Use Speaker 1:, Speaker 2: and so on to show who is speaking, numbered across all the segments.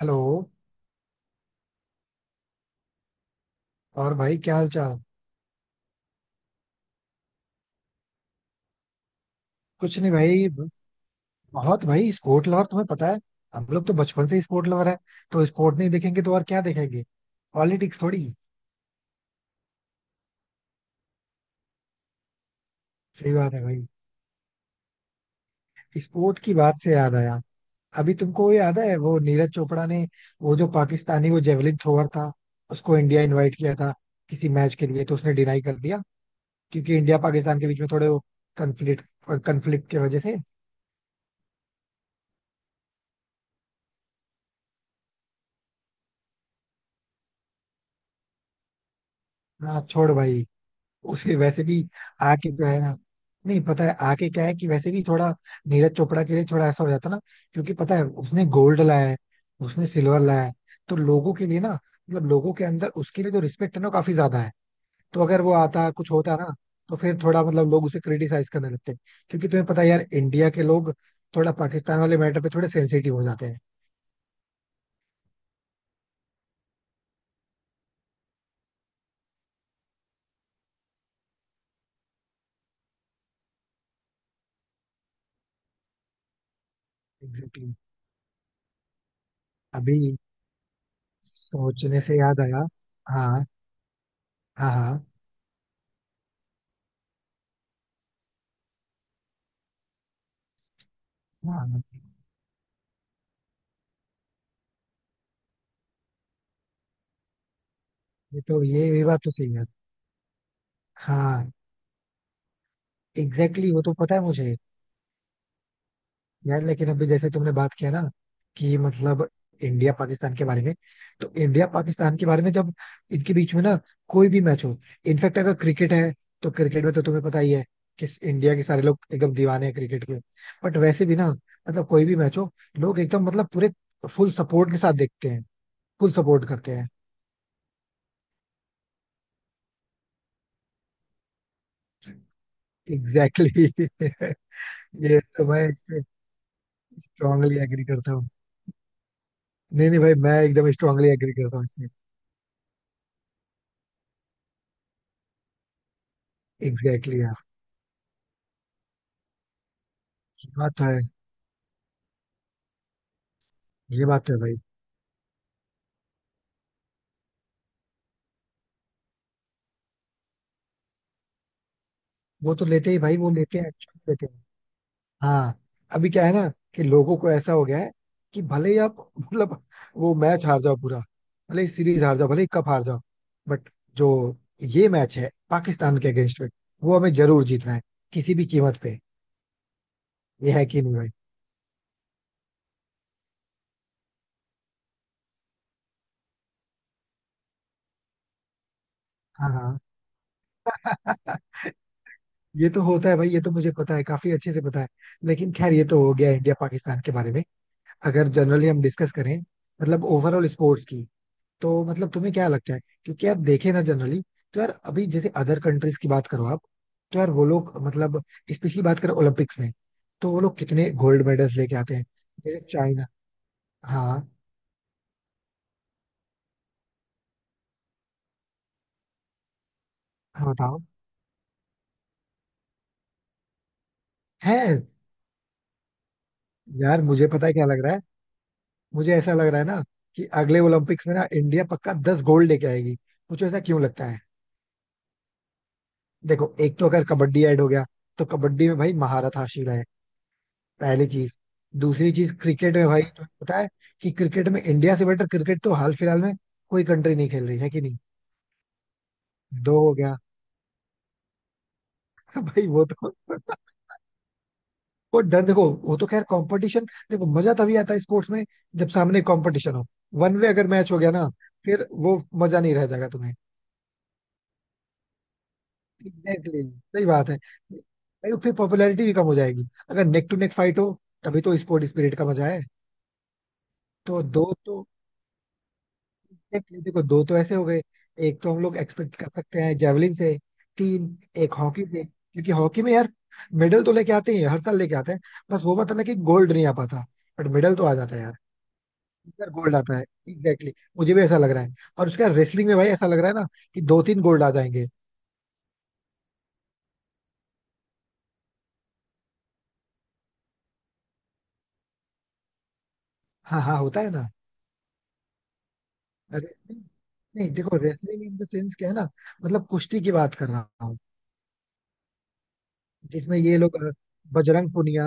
Speaker 1: Hello. और भाई, क्या हाल चाल? कुछ नहीं भाई, बस बहुत भाई स्पोर्ट लवर, तुम्हें पता है. हम लोग तो बचपन से ही स्पोर्ट लवर है. तो स्पोर्ट नहीं देखेंगे तो और क्या देखेंगे? पॉलिटिक्स थोड़ी. सही बात है भाई. स्पोर्ट की बात से याद आया, अभी तुमको वो याद है वो नीरज चोपड़ा ने वो जो पाकिस्तानी वो जेवलिन थ्रोअर था, उसको इंडिया इनवाइट किया था किसी मैच के लिए, तो उसने डिनाई कर दिया. क्योंकि इंडिया पाकिस्तान के बीच में थोड़े वो कन्फ्लिक्ट कन्फ्लिक्ट की वजह से. हाँ छोड़ भाई, उसे वैसे भी आके जो है ना, नहीं पता है आके क्या है कि वैसे भी थोड़ा नीरज चोपड़ा के लिए थोड़ा ऐसा हो जाता ना, क्योंकि पता है उसने गोल्ड लाया है, उसने सिल्वर लाया है. तो लोगों के लिए ना, मतलब लोगों के अंदर उसके लिए जो रिस्पेक्ट है ना, वो काफी ज्यादा है. तो अगर वो आता कुछ होता ना, तो फिर थोड़ा मतलब लोग उसे क्रिटिसाइज करने लगते हैं. क्योंकि तुम्हें पता है यार, इंडिया के लोग थोड़ा पाकिस्तान वाले मैटर पे थोड़े सेंसिटिव हो जाते हैं. Exactly exactly. अभी सोचने से याद आया. हाँ हाँ. हाँ हाँ. ये तो, ये भी बात तो सही है. हाँ. एग्जैक्टली exactly, वो तो पता है मुझे. यार लेकिन अभी जैसे तुमने बात किया ना कि मतलब इंडिया पाकिस्तान के बारे में. तो इंडिया पाकिस्तान के बारे में जब इनके बीच में ना कोई भी मैच हो, इनफैक्ट अगर क्रिकेट है, तो क्रिकेट में तो तुम्हें पता ही है कि इंडिया के सारे लोग एकदम दीवाने हैं क्रिकेट के. बट वैसे भी ना, मतलब कोई भी मैच हो, लोग एकदम मतलब पूरे फुल सपोर्ट के साथ देखते हैं, फुल सपोर्ट करते हैं. Exactly exactly. ये तो मैं इससे स्ट्रांगली एग्री करता हूँ. नहीं नहीं भाई, मैं एकदम स्ट्रांगली एग्री करता हूँ इससे. एग्जैक्टली exactly, बात तो है. ये बात तो है भाई. वो तो लेते ही भाई, वो लेते हैं एक्चुअली लेते हैं. हाँ. अभी क्या है ना कि लोगों को ऐसा हो गया है कि भले ही आप मतलब वो मैच हार जाओ पूरा, भले ही सीरीज हार जाओ, भले ही कप हार जाओ, बट जो ये मैच है पाकिस्तान के अगेंस्ट में, वो हमें जरूर जीतना है, किसी भी कीमत पे. ये है कि नहीं भाई? हाँ हाँ. ये तो होता है भाई, ये तो मुझे पता है, काफी अच्छे से पता है. लेकिन खैर, ये तो हो गया इंडिया पाकिस्तान के बारे में. अगर जनरली हम डिस्कस करें, मतलब ओवरऑल स्पोर्ट्स की, तो मतलब तुम्हें क्या लगता है? क्योंकि यार, देखे ना जनरली, तो यार अभी जैसे अदर कंट्रीज की बात करो आप, तो यार वो लोग मतलब स्पेशली बात करें ओलंपिक्स में, तो वो लोग कितने गोल्ड मेडल्स लेके आते हैं. जैसे चाइना. हाँ. हाँ बताओ. है. यार मुझे पता है क्या लग रहा है. मुझे ऐसा लग रहा है ना कि अगले ओलंपिक्स में ना इंडिया पक्का 10 गोल्ड लेके आएगी. मुझे ऐसा क्यों लगता है? देखो, एक तो अगर कबड्डी ऐड हो गया, तो कबड्डी में भाई महारत हासिल है. पहली चीज. दूसरी चीज, क्रिकेट में भाई तुम्हें पता है कि क्रिकेट में इंडिया से बेटर क्रिकेट तो हाल फिलहाल में कोई कंट्री नहीं खेल रही है, कि नहीं? दो हो गया. भाई वो तो वो डर देखो, वो तो खैर कंपटीशन. देखो मजा तभी आता है स्पोर्ट्स में जब सामने कंपटीशन हो. वन वे अगर मैच हो गया ना, फिर वो मजा नहीं रह जाएगा तुम्हें. एग्जैक्टली. सही बात है भाई. फिर पॉपुलैरिटी भी कम हो जाएगी अगर नेक टू नेक फाइट हो. तभी तो स्पोर्ट स्पिरिट का मजा है. तो दो तो, एग्जैक्टली देखो दो तो ऐसे हो गए. एक तो हम लोग एक्सपेक्ट कर सकते हैं जेवलिन से. तीन. एक हॉकी से, क्योंकि हॉकी में यार मेडल तो लेके आते ही हैं, हर साल लेके आते हैं. बस वो मतलब है कि गोल्ड नहीं आ पाता, बट मेडल तो आ जाता है यार. इस बार गोल्ड आता है. Exactly exactly. मुझे भी ऐसा लग रहा है. और उसका रेसलिंग में भाई ऐसा लग रहा है ना कि दो तीन गोल्ड आ जाएंगे. हाँ हाँ, होता है ना. रेसलिंग. नहीं देखो, रेसलिंग इन द सेंस क्या है ना, मतलब कुश्ती की बात कर रहा हूँ. जिसमें ये लोग बजरंग पुनिया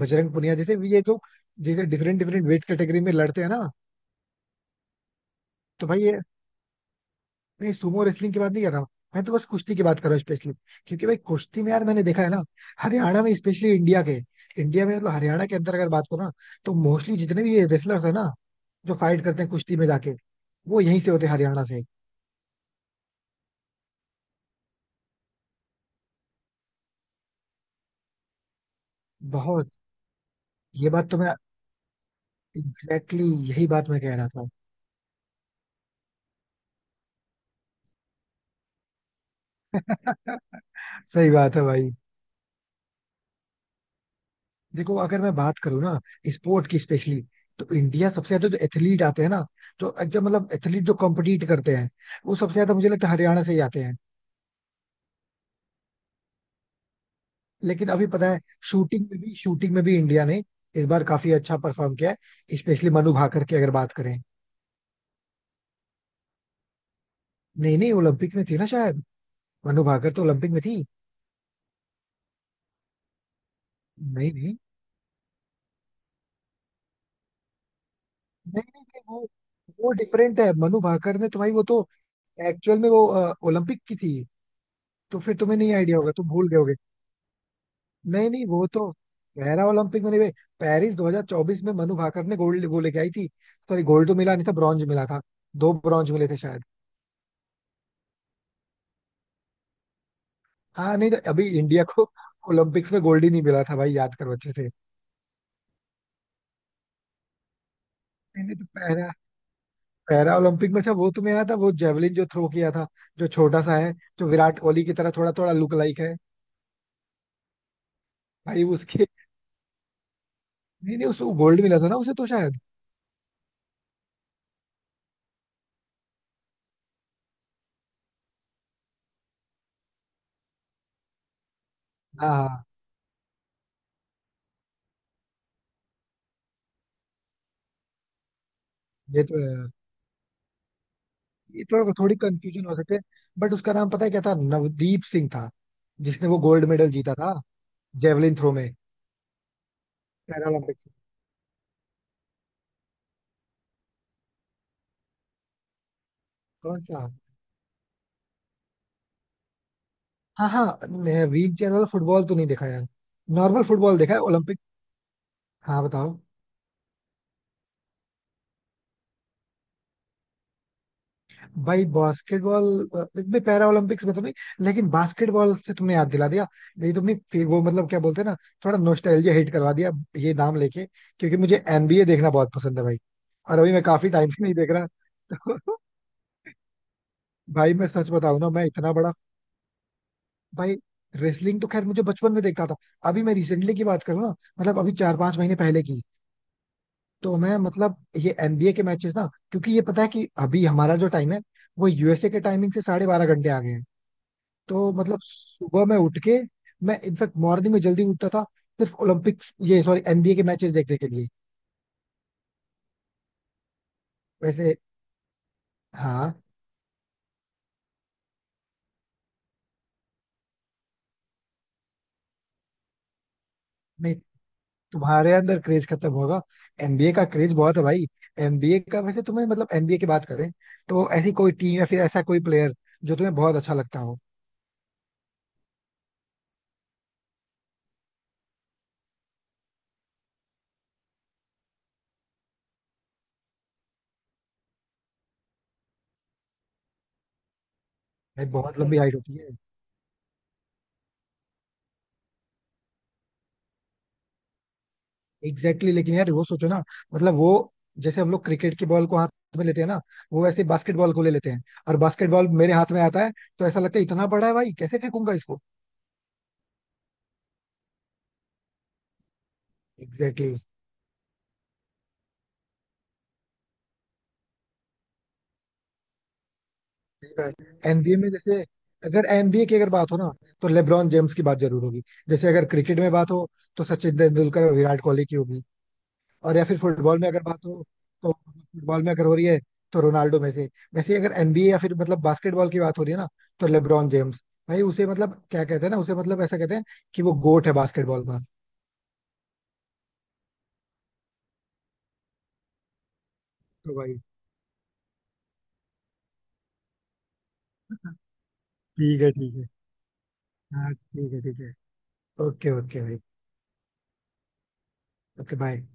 Speaker 1: बजरंग पुनिया जैसे भी, ये जो जैसे डिफरेंट डिफरेंट वेट कैटेगरी में लड़ते हैं ना. तो भाई ये, नहीं सुमो रेसलिंग की बात नहीं कर रहा हूँ. मैं तो बस कुश्ती की बात कर रहा हूँ स्पेशली. क्योंकि भाई कुश्ती में यार मैंने देखा है ना, हरियाणा में स्पेशली. इंडिया के, इंडिया में मतलब हरियाणा के अंदर अगर बात करो ना, तो मोस्टली जितने भी ये रेसलर्स है ना, जो फाइट करते हैं कुश्ती में जाके, वो यहीं से होते हैं, हरियाणा से. बहुत. ये बात तो मैं, एग्जैक्टली exactly, यही बात मैं कह रहा था. सही बात है भाई. देखो अगर मैं बात करूँ ना स्पोर्ट की स्पेशली, तो इंडिया सबसे ज्यादा जो एथलीट आते हैं ना, जो एकदम मतलब एथलीट जो कॉम्पिटिट करते हैं, वो सबसे ज्यादा मुझे लगता है हरियाणा से ही आते हैं. लेकिन अभी पता है, शूटिंग में भी इंडिया ने इस बार काफी अच्छा परफॉर्म किया है, स्पेशली मनु भाकर की अगर बात करें. नहीं नहीं, ओलंपिक में थी ना शायद. मनु भाकर तो ओलंपिक में थी. नहीं नहीं. नहीं नहीं, नहीं वो, वो डिफरेंट है. मनु भाकर ने तो भाई, वो तो एक्चुअल में वो ओलंपिक की थी. तो फिर तुम्हें नहीं आइडिया होगा, तुम भूल गए. नहीं नहीं, वो तो पैरा ओलंपिक में नहीं भाई. पेरिस 2024 में मनु भाकर ने गोल्ड वो लेके आई थी. सॉरी, गोल्ड तो मिला नहीं था, ब्रॉन्ज मिला था. दो ब्रॉन्ज मिले थे शायद. हाँ. नहीं तो अभी इंडिया को ओलंपिक्स में गोल्ड ही नहीं मिला था भाई, याद करो अच्छे से. नहीं नहीं तो, पैरा पैरा ओलंपिक में, अच्छा वो तुम्हें याद था वो जेवलिन जो थ्रो किया था, जो छोटा सा है, जो विराट कोहली की तरह थोड़ा थोड़ा लुक लाइक है. भाई उसके, नहीं नहीं, उसको गोल्ड मिला था ना उसे, तो शायद हाँ हाँ. ये तो है. ये तो थोड़ी कंफ्यूजन हो सकते हैं, बट उसका नाम पता है क्या था? नवदीप सिंह था जिसने वो गोल्ड मेडल जीता था, जेवलिन थ्रो में. पैरालंपिक्स. कौन सा? हाँ हाँ, व्हील चेयर वाला फुटबॉल तो नहीं देखा यार, नॉर्मल फुटबॉल देखा है ओलंपिक. हाँ बताओ. भाई बास्केटबॉल इतने पैरा ओलंपिक्स में तो नहीं, लेकिन बास्केटबॉल से तुमने याद दिला दिया. नहीं, तुमने फिर वो मतलब क्या बोलते हैं ना, थोड़ा नोस्टैल्जिया हिट करवा दिया ये नाम लेके. क्योंकि मुझे एनबीए देखना बहुत पसंद है भाई. और अभी मैं काफी टाइम से नहीं देख रहा. भाई मैं सच बताऊं ना, मैं इतना बड़ा, भाई रेसलिंग तो खैर मुझे बचपन में देखता था. अभी मैं रिसेंटली की बात करूँ ना, मतलब अभी चार पांच महीने पहले की, तो मैं मतलब ये एनबीए के मैचेस ना, क्योंकि ये पता है कि अभी हमारा जो टाइम है, वो यूएसए के टाइमिंग से 12:30 घंटे आ गए हैं. तो मतलब सुबह में उठ के, मैं इनफैक्ट मॉर्निंग में जल्दी उठता था, सिर्फ ओलंपिक्स ये सॉरी एनबीए के मैचेस देखने के लिए. वैसे हाँ. तुम्हारे अंदर क्रेज खत्म होगा, एनबीए का क्रेज बहुत है भाई. एनबीए का, वैसे तुम्हें मतलब एनबीए की बात करें, तो ऐसी कोई टीम या फिर ऐसा कोई प्लेयर जो तुम्हें बहुत अच्छा लगता हो? भाई बहुत लंबी हाइट होती है. एग्जैक्टली exactly, लेकिन यार वो सोचो ना, मतलब वो जैसे हम लोग क्रिकेट की बॉल को हाथ में लेते हैं ना, वो वैसे बास्केटबॉल को ले लेते हैं. और बास्केटबॉल मेरे हाथ में आता है, तो ऐसा लगता है इतना बड़ा है भाई, कैसे फेंकूंगा इसको. एग्जैक्टली. सही बात. एनबीए में जैसे, अगर एनबीए की अगर बात हो ना, तो लेब्रॉन जेम्स की बात जरूर होगी. जैसे अगर क्रिकेट में बात हो, तो सचिन तेंदुलकर और विराट कोहली की होगी. और या फिर फुटबॉल में अगर बात हो, तो फुटबॉल में अगर हो रही है, तो रोनाल्डो में से. वैसे ही अगर एनबीए या फिर मतलब बास्केटबॉल की बात हो रही है ना, तो लेब्रॉन जेम्स. भाई उसे मतलब क्या कहते हैं ना, उसे मतलब ऐसा कहते हैं कि वो गोट है बास्केटबॉल का. तो भाई ठीक है ठीक है. हाँ ठीक है ठीक है. ओके ओके भाई. Okay bye.